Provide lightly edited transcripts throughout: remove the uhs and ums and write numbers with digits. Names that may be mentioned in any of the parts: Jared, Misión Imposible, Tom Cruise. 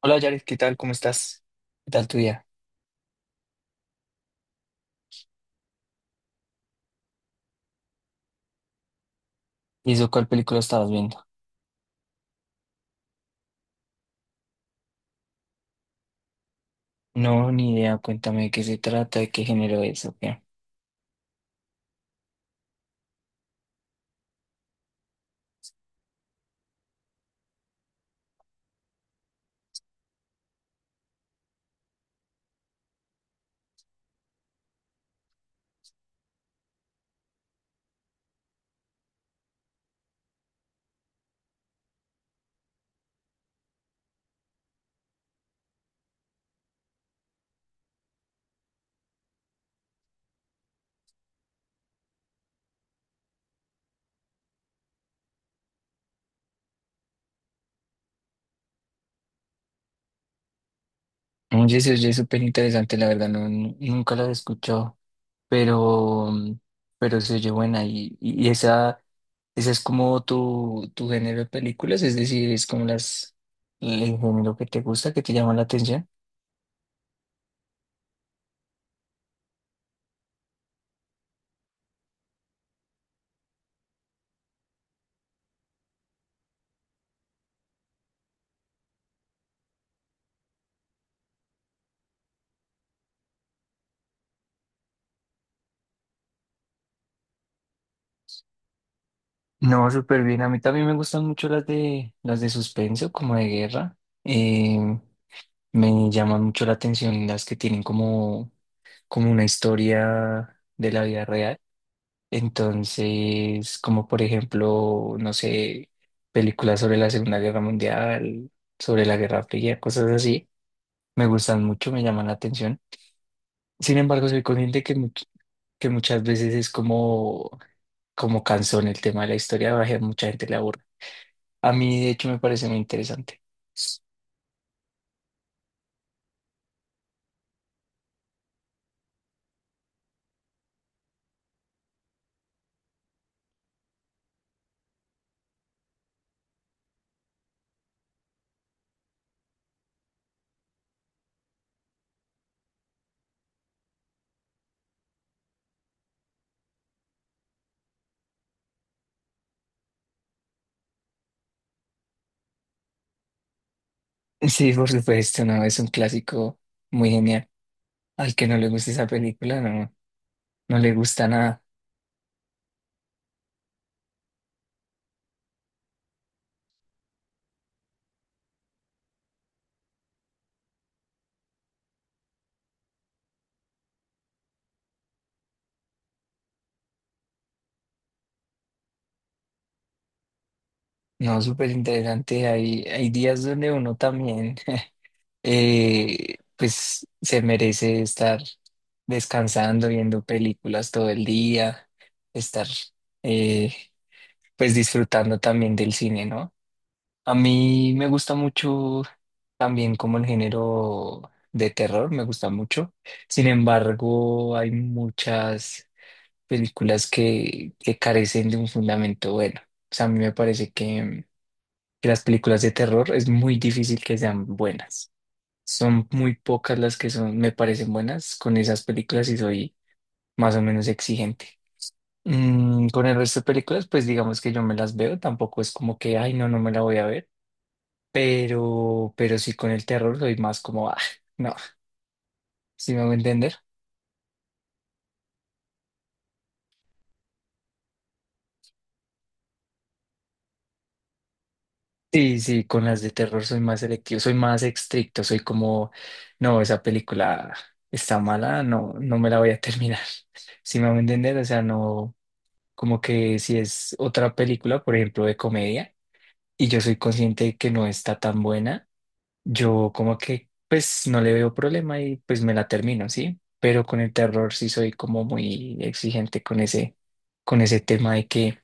Hola Yaris, ¿qué tal? ¿Cómo estás? ¿Qué tal tu día? ¿Y eso cuál película estabas viendo? No, ni idea, cuéntame de qué se trata, de qué género es, o qué. Oye, se oye súper interesante, la verdad, no, nunca la he escuchado, pero, mm, pero se oye buena y esa es como tu género de películas, es decir, es como el género que te gusta, que te llama la atención. No, súper bien, a mí también me gustan mucho las de suspenso, como de guerra. eh, Me llaman mucho la atención las que tienen como una historia de la vida real. Entonces, como por ejemplo, no sé, películas sobre la Segunda Guerra Mundial, sobre la Guerra Fría, cosas así. Me gustan mucho, me llaman la atención. Sin embargo, soy consciente que muchas veces es como cansón el tema de la historia, a mucha gente le aburre. A mí, de hecho, me parece muy interesante. Sí, por supuesto, no, es un clásico muy genial. Al que no le gusta esa película, no, no le gusta nada. No, súper interesante. Hay días donde uno también, pues, se merece estar descansando, viendo películas todo el día, estar, eh, pues, disfrutando también del cine, ¿no? A mí me gusta mucho también como el género de terror, me gusta mucho. Sin embargo, hay muchas que carecen de un fundamento bueno. O sea, a mí me parece que las películas de terror es muy difícil que sean buenas. Son muy pocas las que son, me parecen buenas con esas películas y soy más o menos exigente. Con el resto de películas, pues digamos que yo me las veo, tampoco es como que, ay, no, no me la voy a ver, pero sí con el terror soy más como, ah, no, si me voy a entender. Sí, sí, con las de terror soy más selectivo, soy más estricto, soy como, no, esa película está mala, no, no me la voy a terminar. Si me van a entender, o sea, no, como que si es otra película, por ejemplo, de comedia, y yo soy consciente de que no está tan buena, yo como que, pues, no le veo problema y pues me la termino, ¿sí? Pero con el terror sí soy como muy exigente con con ese tema de que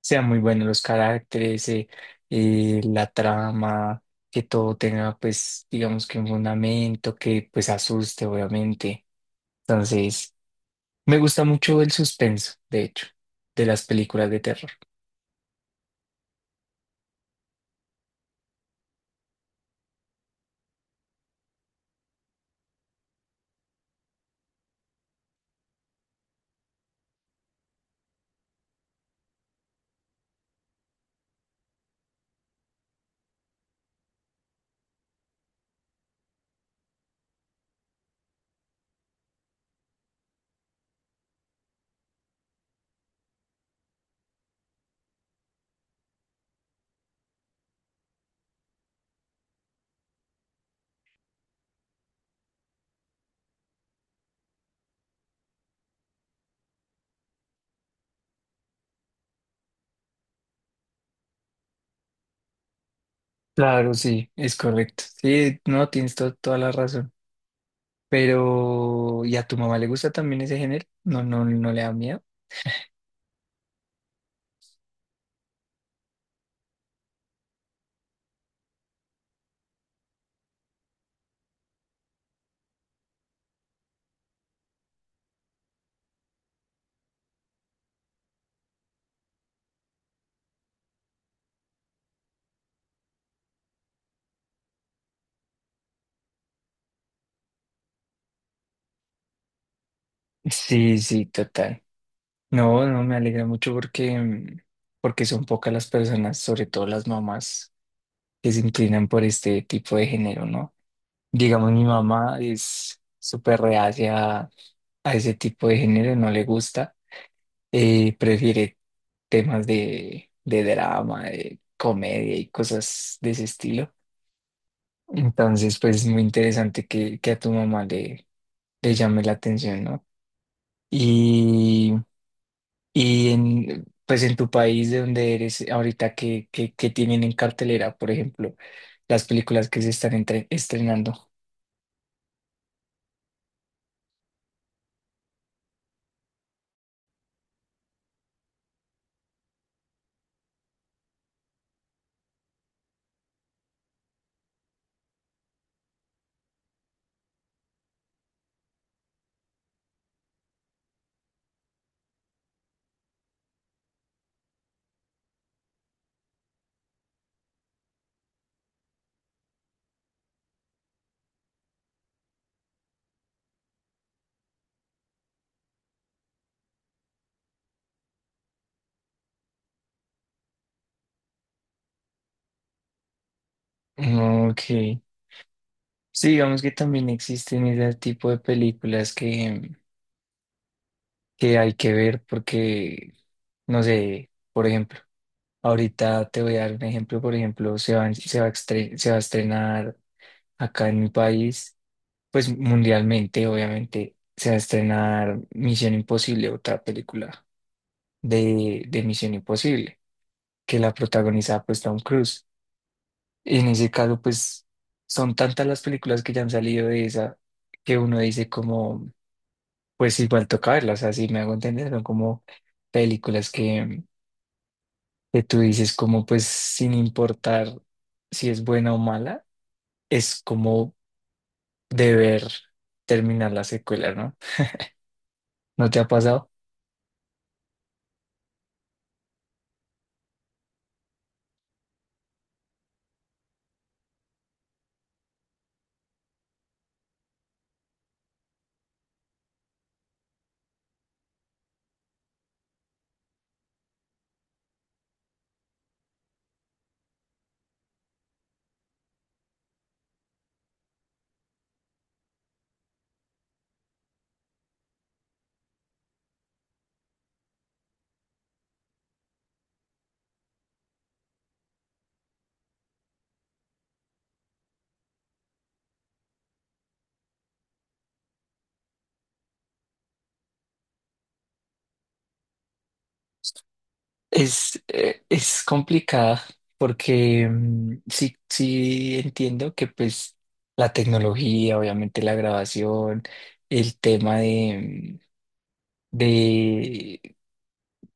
sean muy buenos los caracteres, la trama, que todo tenga pues digamos que un fundamento que pues asuste obviamente. Entonces, me gusta mucho el suspenso, de hecho, de las películas de terror. Claro, sí, es correcto. Sí, no, tienes toda la razón. Pero, ¿y a tu mamá le gusta también ese género? No, no, no le da miedo. Sí, sí, total. No, no, me alegra mucho porque son pocas las personas, sobre todo las mamás, que se inclinan por este tipo de género, ¿no? Digamos, mi mamá es súper reacia a ese tipo de género, no le gusta, prefiere temas de drama, de comedia y cosas de ese estilo. Entonces, pues es muy interesante que a tu mamá le llame la atención, ¿no? Y, pues en tu país de donde eres ahorita, qué tienen en cartelera, por ejemplo, las películas que se están estrenando? Ah, ok. Sí, digamos que también existen ese tipo de que hay que ver porque, no sé, por ejemplo, ahorita te voy a dar un ejemplo, por ejemplo, se va a estrenar acá en mi país, pues mundialmente, obviamente, se va a estrenar Misión Imposible, otra película de Misión Imposible, que la protagoniza pues Tom Cruise. Y en ese caso, pues son tantas las películas que ya han salido de esa que uno dice como, pues igual toca verlas, así me hago entender, son como películas que, que tú dices como, pues sin importar si es buena o mala, es como deber terminar la secuela, ¿no? ¿No te ha pasado? Es complicada porque sí, sí entiendo que pues la tecnología, obviamente la grabación, el tema de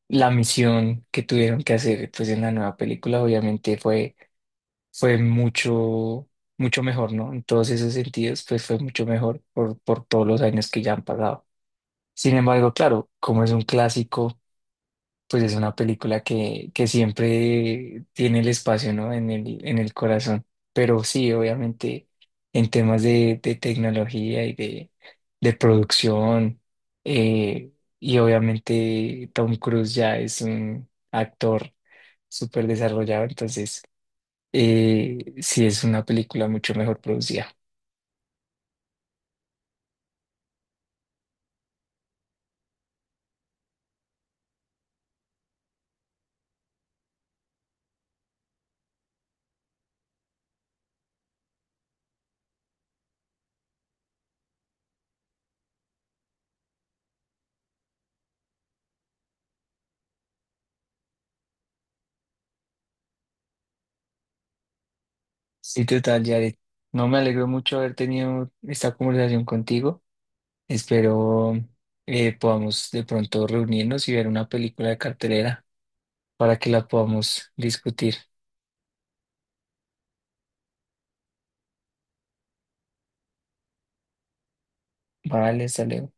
la misión que tuvieron que hacer pues en la nueva película, obviamente fue mucho mejor, ¿no? En todos esos sentidos, pues fue mucho mejor por todos los años que ya han pasado. Sin embargo, claro, como es un clásico pues es una que siempre tiene el espacio, ¿no? En el corazón. Pero sí, obviamente, en temas de tecnología de producción, eh, y obviamente Tom Cruise ya es un actor súper desarrollado, entonces sí es una película mucho mejor producida. Sí, total, Jared. No me alegro mucho haber tenido esta conversación contigo. Espero podamos de pronto reunirnos y ver una película de cartelera para que la podamos discutir. Vale, hasta luego.